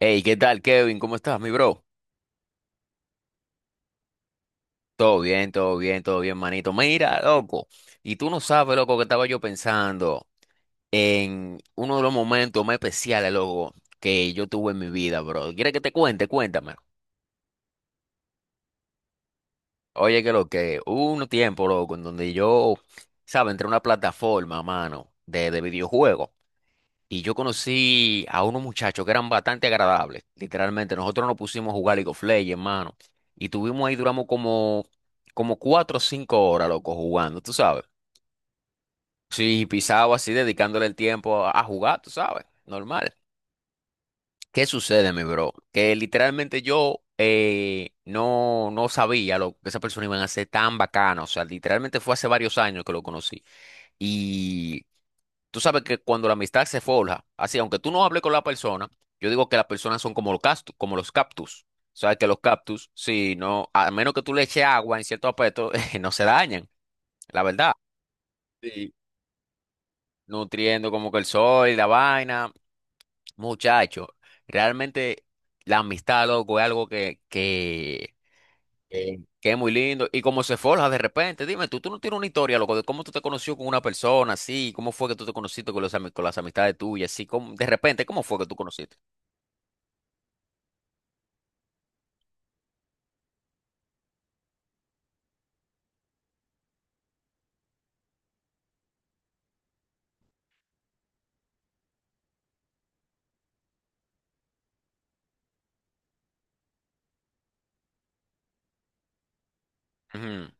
Hey, ¿qué tal, Kevin? ¿Cómo estás, mi bro? Todo bien, todo bien, todo bien, manito. Mira, loco, y tú no sabes, loco, que estaba yo pensando en uno de los momentos más especiales, loco, que yo tuve en mi vida, bro. ¿Quieres que te cuente? Cuéntame. Oye, que lo que hubo un tiempo, loco, en donde yo, ¿sabes? Entré a una plataforma, mano, de videojuegos. Y yo conocí a unos muchachos que eran bastante agradables, literalmente. Nosotros nos pusimos a jugar League of Legends, hermano. Y tuvimos ahí, duramos como, como cuatro o cinco horas, loco, jugando, tú sabes. Sí, pisado así, dedicándole el tiempo a jugar, tú sabes, normal. ¿Qué sucede, mi bro? Que literalmente yo no, no sabía lo que esa persona iba a hacer tan bacana. O sea, literalmente fue hace varios años que lo conocí. Tú sabes que cuando la amistad se forja, así, aunque tú no hables con la persona, yo digo que las personas son como los cactus, como los cactus. Sabes que los cactus, si no, a menos que tú le eches agua en cierto aspecto, no se dañan, la verdad. Sí. Nutriendo como que el sol, la vaina. Muchacho, realmente la amistad, loco, es algo que que es muy lindo. Y cómo se forja de repente. Dime, tú no tienes una historia, loco, de cómo tú te conoció con una persona así, cómo fue que tú te conociste con, los, ami- con las amistades tuyas, así, cómo- de repente, ¿cómo fue que tú conociste? Ujú.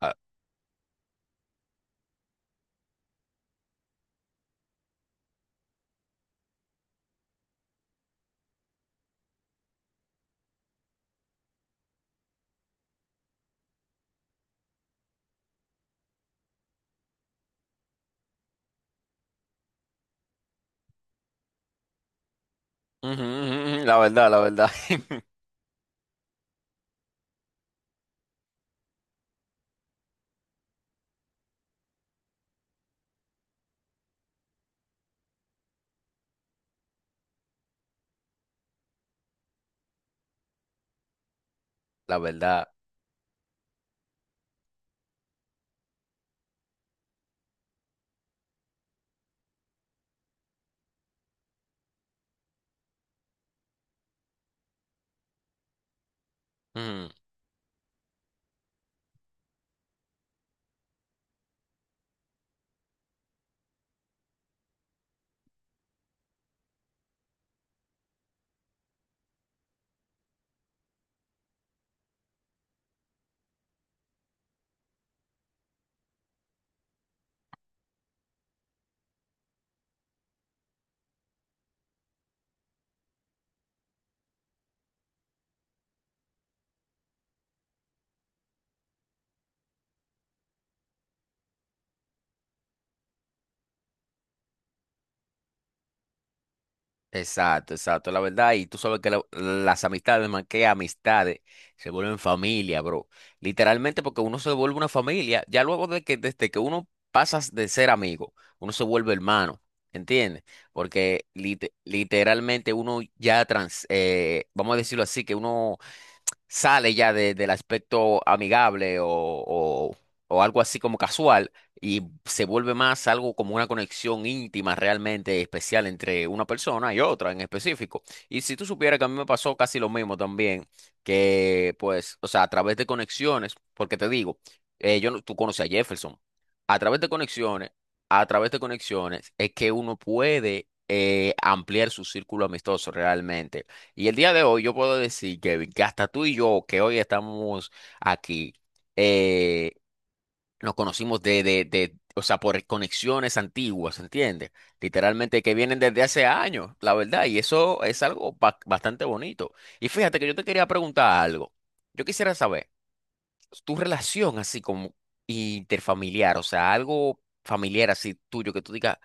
Ah, ujú, ujú, ujú, la verdad, la verdad. La verdad. Exacto, exacto, la verdad. Y tú sabes que la- las amistades, más que amistades, se vuelven familia, bro. Literalmente porque uno se vuelve una familia, ya luego de que desde que uno pasas de ser amigo, uno se vuelve hermano, ¿entiendes? Porque lite- literalmente uno ya trans, vamos a decirlo así, que uno sale ya de- del aspecto amigable o algo así como casual y se vuelve más algo como una conexión íntima realmente especial entre una persona y otra en específico. Y si tú supieras que a mí me pasó casi lo mismo también, que pues, o sea, a través de conexiones, porque te digo, yo no- tú conoces a Jefferson, a través de conexiones, a través de conexiones es que uno puede ampliar su círculo amistoso realmente. Y el día de hoy yo puedo decir Kevin, que hasta tú y yo, que hoy estamos aquí, eh, nos conocimos de, o sea, por conexiones antiguas, ¿entiendes? Literalmente que vienen desde hace años, la verdad, y eso es algo ba- bastante bonito. Y fíjate que yo te quería preguntar algo. Yo quisiera saber tu relación así como interfamiliar, o sea, algo familiar así tuyo que tú digas,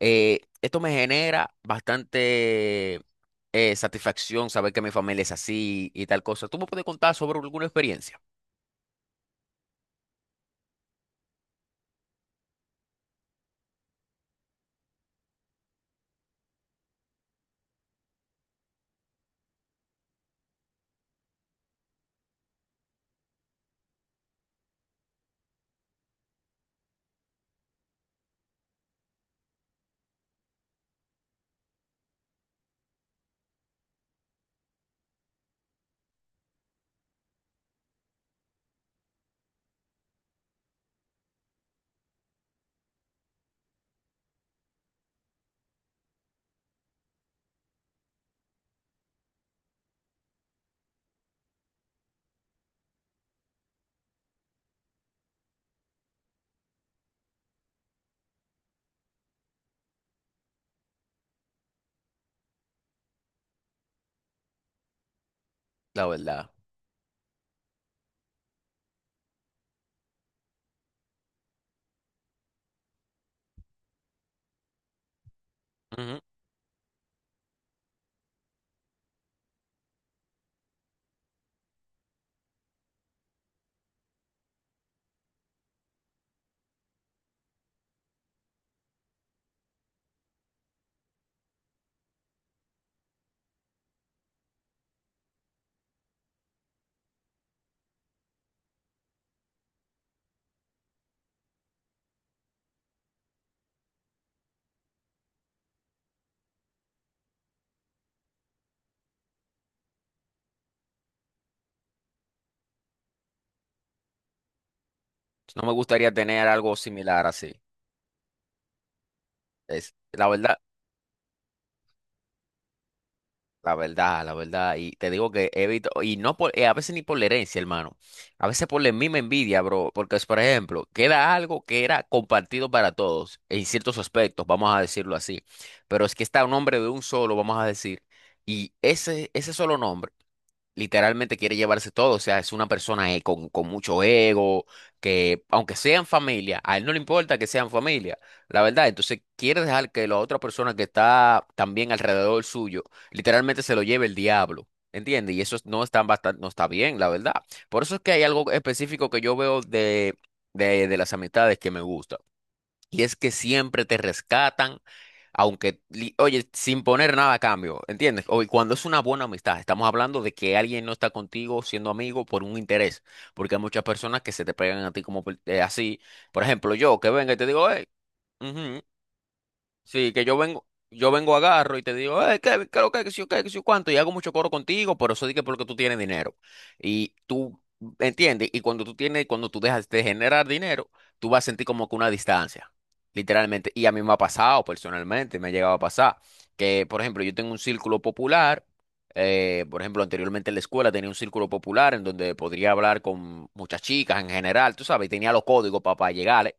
esto me genera bastante satisfacción saber que mi familia es así y tal cosa. ¿Tú me puedes contar sobre alguna experiencia? La verdad. Ujú. No me gustaría tener algo similar así. Es, la verdad. La verdad, la verdad. Y te digo que evito, y no por, a veces ni por la herencia, hermano. A veces por la misma envidia, bro. Porque es, por ejemplo, queda algo que era compartido para todos, en ciertos aspectos, vamos a decirlo así. Pero es que está un nombre de un solo, vamos a decir. Y ese solo nombre literalmente quiere llevarse todo. O sea, es una persona con mucho ego, que aunque sean familia, a él no le importa que sean familia, la verdad. Entonces quiere dejar que la otra persona que está también alrededor suyo literalmente se lo lleve el diablo. ¿Entiendes? Y eso es- no está, bastante, no está bien, la verdad. Por eso es que hay algo específico que yo veo de, de las amistades que me gusta. Y es que siempre te rescatan, aunque, li- oye, sin poner nada a cambio, ¿entiendes? O, y cuando es una buena amistad, estamos hablando de que alguien no está contigo siendo amigo por un interés, porque hay muchas personas que se te pegan a ti como por- así. Por ejemplo, yo que venga y te digo, hey, sí, que yo vengo, agarro y te digo, Kevin, ¿qué, lo que, qué, sé yo qué, qué sé yo cuánto, y hago mucho coro contigo, pero eso dije porque tú tienes dinero. Y tú, ¿entiendes? Y cuando tú tienes, cuando tú dejas de generar dinero, tú vas a sentir como que una distancia, literalmente. Y a mí me ha pasado personalmente, me ha llegado a pasar, que, por ejemplo, yo tengo un círculo popular, por ejemplo, anteriormente en la escuela tenía un círculo popular en donde podría hablar con muchas chicas en general, tú sabes, y tenía los códigos para, llegar.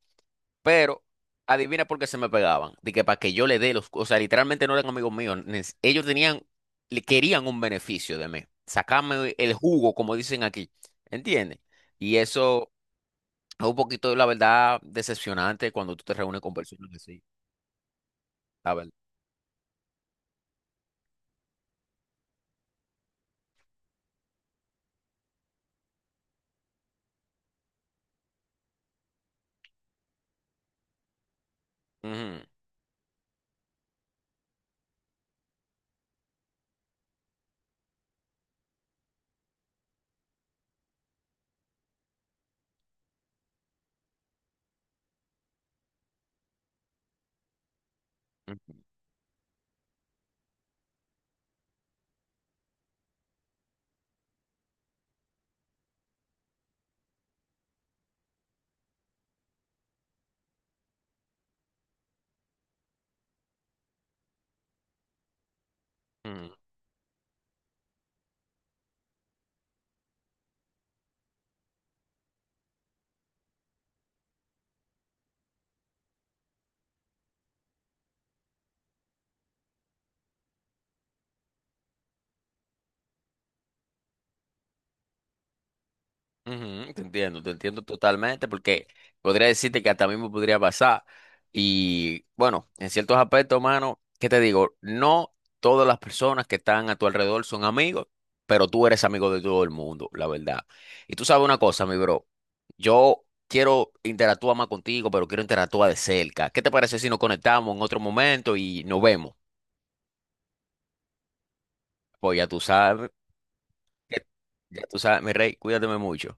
Pero adivina por qué se me pegaban. De que para que yo le dé los. O sea, literalmente no eran amigos míos. Nes- Ellos tenían, le querían un beneficio de mí. Sacarme el jugo, como dicen aquí. ¿Entiendes? Y eso es un poquito, la verdad, decepcionante cuando tú te reúnes con personas así. La verdad. Ujú, ujú. Ujú, te entiendo totalmente, porque podría decirte que hasta a mí me podría pasar. Y bueno, en ciertos aspectos, mano, ¿qué te digo? No todas las personas que están a tu alrededor son amigos, pero tú eres amigo de todo el mundo, la verdad. Y tú sabes una cosa, mi bro, yo quiero interactuar más contigo, pero quiero interactuar de cerca. ¿Qué te parece si nos conectamos en otro momento y nos vemos? Pues ya tú sabes, mi rey, cuídate mucho.